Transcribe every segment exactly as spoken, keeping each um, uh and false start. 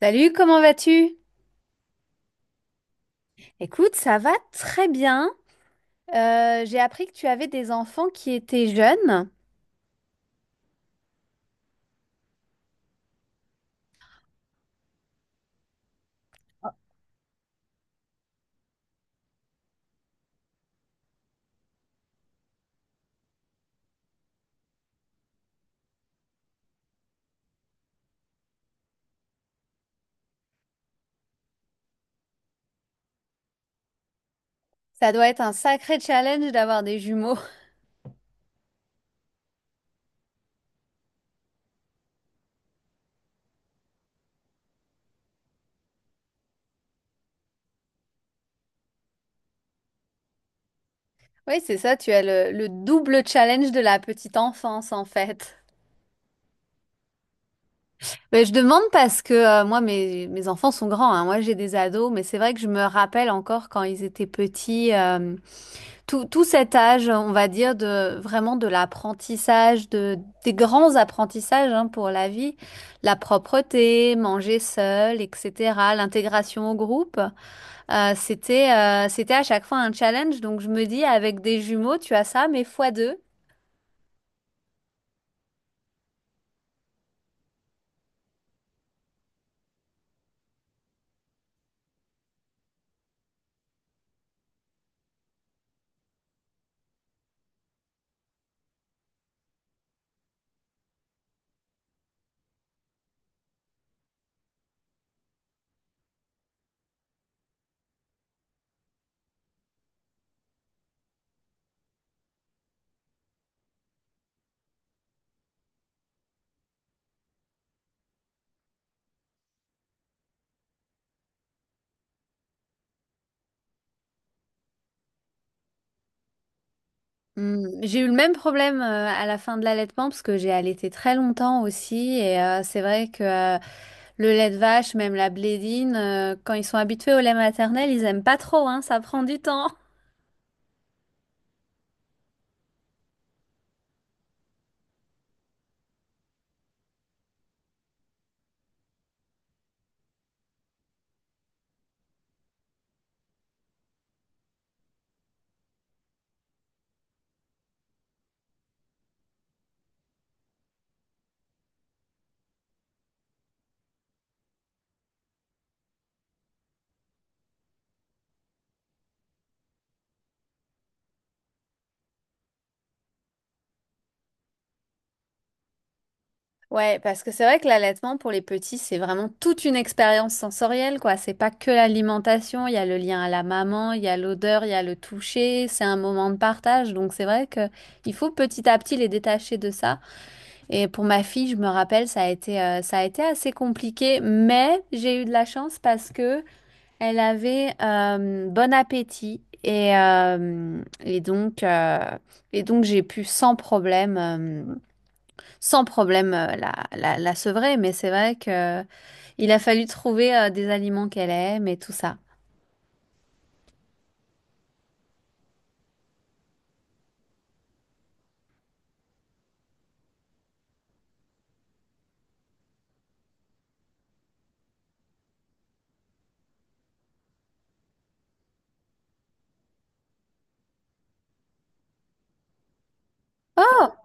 Salut, comment vas-tu? Écoute, ça va très bien. Euh, j'ai appris que tu avais des enfants qui étaient jeunes. Ça doit être un sacré challenge d'avoir des jumeaux. Oui, c'est ça, tu as le, le double challenge de la petite enfance en fait. Mais je demande parce que euh, moi, mes, mes enfants sont grands, hein. Moi, j'ai des ados, mais c'est vrai que je me rappelle encore quand ils étaient petits. euh, tout, tout cet âge, on va dire, de vraiment de l'apprentissage, de, des grands apprentissages hein, pour la vie, la propreté, manger seul, et cetera, l'intégration au groupe, euh, c'était euh, c'était à chaque fois un challenge. Donc je me dis, avec des jumeaux, tu as ça, mais fois deux. Hmm, j'ai eu le même problème euh, à la fin de l'allaitement parce que j'ai allaité très longtemps aussi et euh, c'est vrai que euh, le lait de vache, même la blédine, euh, quand ils sont habitués au lait maternel, ils aiment pas trop, hein, ça prend du temps. Ouais, parce que c'est vrai que l'allaitement pour les petits, c'est vraiment toute une expérience sensorielle, quoi. C'est pas que l'alimentation, il y a le lien à la maman, il y a l'odeur, il y a le toucher, c'est un moment de partage. Donc c'est vrai que il faut petit à petit les détacher de ça. Et pour ma fille, je me rappelle, ça a été, euh, ça a été assez compliqué, mais j'ai eu de la chance parce que elle avait euh, bon appétit et euh, et donc euh, et donc j'ai pu sans problème. euh, sans problème euh, la, la, la sevrer, mais c'est vrai que euh, il a fallu trouver euh, des aliments qu'elle aime et tout ça. Oh!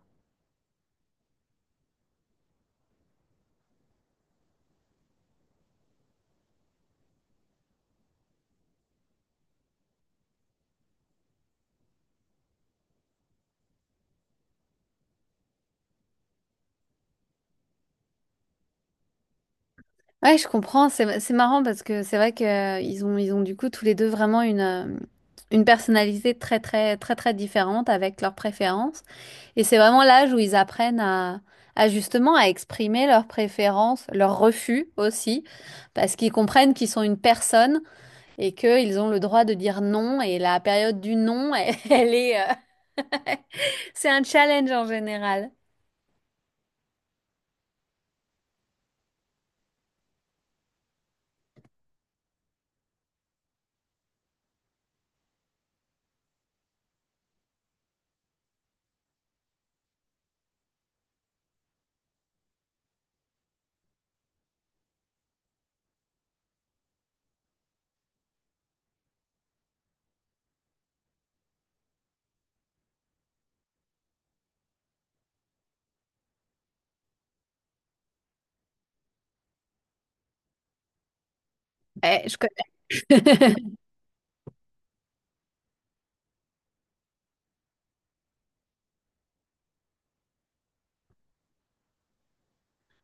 Ouais, je comprends, c'est c'est marrant parce que c'est vrai que euh, ils ont ils ont du coup tous les deux vraiment une euh, une personnalité très très très très différente avec leurs préférences et c'est vraiment l'âge où ils apprennent à à justement à exprimer leurs préférences, leurs refus aussi parce qu'ils comprennent qu'ils sont une personne et qu'ils ont le droit de dire non et la période du non elle, elle est euh, c'est un challenge en général. Ouais, je connais.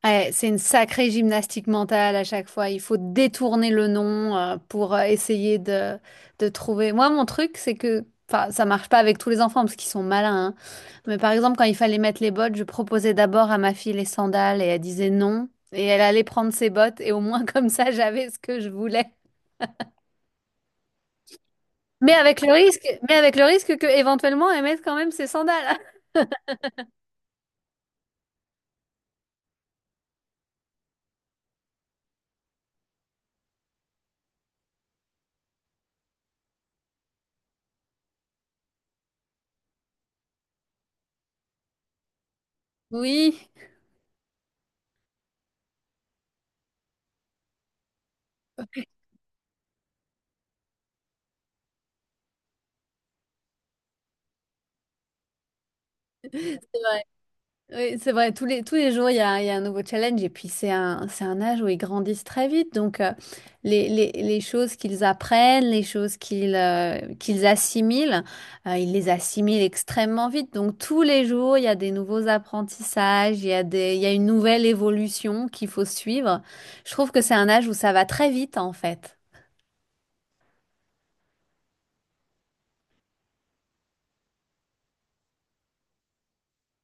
Ouais, c'est une sacrée gymnastique mentale à chaque fois. Il faut détourner le nom euh, pour euh, essayer de, de trouver. Moi, mon truc, c'est que, enfin, ça marche pas avec tous les enfants parce qu'ils sont malins. Hein. Mais par exemple, quand il fallait mettre les bottes, je proposais d'abord à ma fille les sandales et elle disait non. Et elle allait prendre ses bottes et au moins comme ça, j'avais ce que je voulais. Mais avec le risque, mais avec le risque que éventuellement elle mette quand même ses sandales. Oui, c'est vrai. Oui, c'est vrai, tous les, tous les jours, il y a, il y a un nouveau challenge et puis c'est un, c'est un âge où ils grandissent très vite. Donc, euh, les, les, les choses qu'ils apprennent, les choses qu'ils euh, qu'ils assimilent, euh, ils les assimilent extrêmement vite. Donc, tous les jours, il y a des nouveaux apprentissages, il y a des, il y a une nouvelle évolution qu'il faut suivre. Je trouve que c'est un âge où ça va très vite, en fait.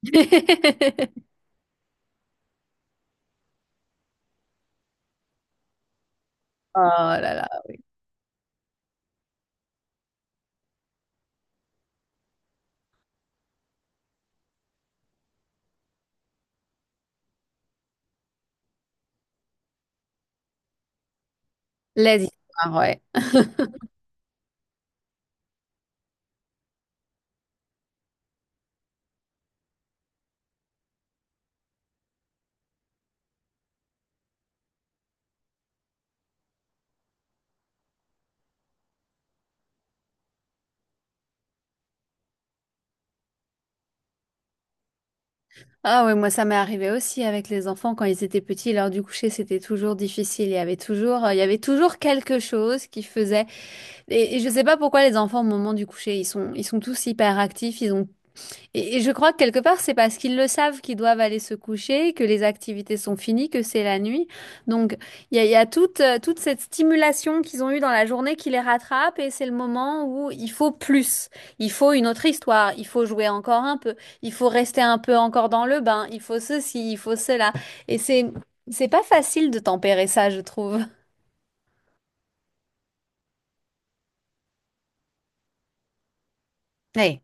Oh là là, les histoires, ouais. Ah ouais, moi ça m'est arrivé aussi avec les enfants quand ils étaient petits, l'heure du coucher c'était toujours difficile, il y avait toujours, euh, il y avait toujours quelque chose qui faisait. Et, et je sais pas pourquoi les enfants au moment du coucher ils sont, ils sont tous hyper actifs, ils ont et et je crois que quelque part, c'est parce qu'ils le savent qu'ils doivent aller se coucher, que les activités sont finies, que c'est la nuit. Donc, il y a, il y a toute, euh, toute cette stimulation qu'ils ont eue dans la journée qui les rattrape et c'est le moment où il faut plus. Il faut une autre histoire, il faut jouer encore un peu, il faut rester un peu encore dans le bain, il faut ceci, il faut cela. Et c'est, c'est pas facile de tempérer ça, je trouve. Ouais.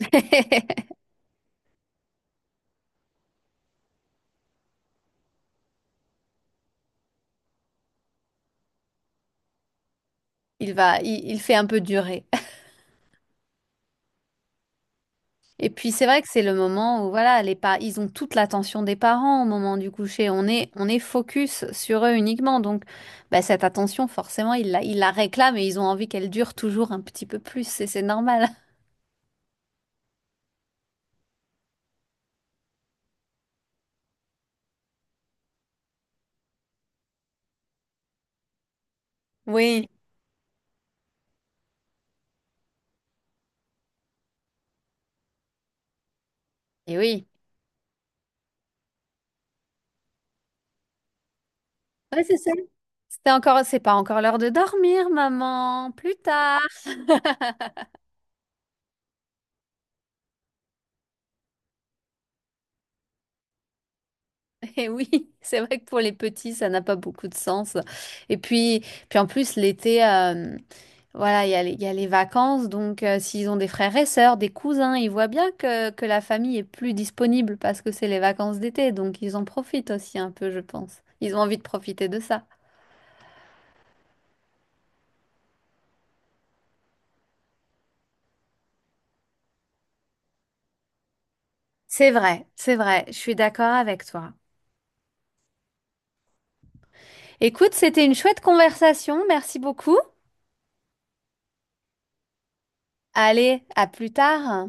Il va, il il fait un peu durer. Et puis c'est vrai que c'est le moment où voilà, les pa- ils ont toute l'attention des parents au moment du coucher. On est, on est focus sur eux uniquement. Donc bah, cette attention, forcément, ils la, ils la réclament et ils ont envie qu'elle dure toujours un petit peu plus. Et c'est normal. Oui. Et oui. Ouais, c'est ça. C'était encore, c'est pas encore l'heure de dormir, maman. Plus tard. Et oui, c'est vrai que pour les petits, ça n'a pas beaucoup de sens. Et puis, puis en plus, l'été, euh, voilà, il y a les, il y a les vacances. Donc, euh, s'ils ont des frères et sœurs, des cousins, ils voient bien que, que la famille est plus disponible parce que c'est les vacances d'été. Donc, ils en profitent aussi un peu, je pense. Ils ont envie de profiter de ça. C'est vrai, c'est vrai, je suis d'accord avec toi. Écoute, c'était une chouette conversation. Merci beaucoup. Allez, à plus tard.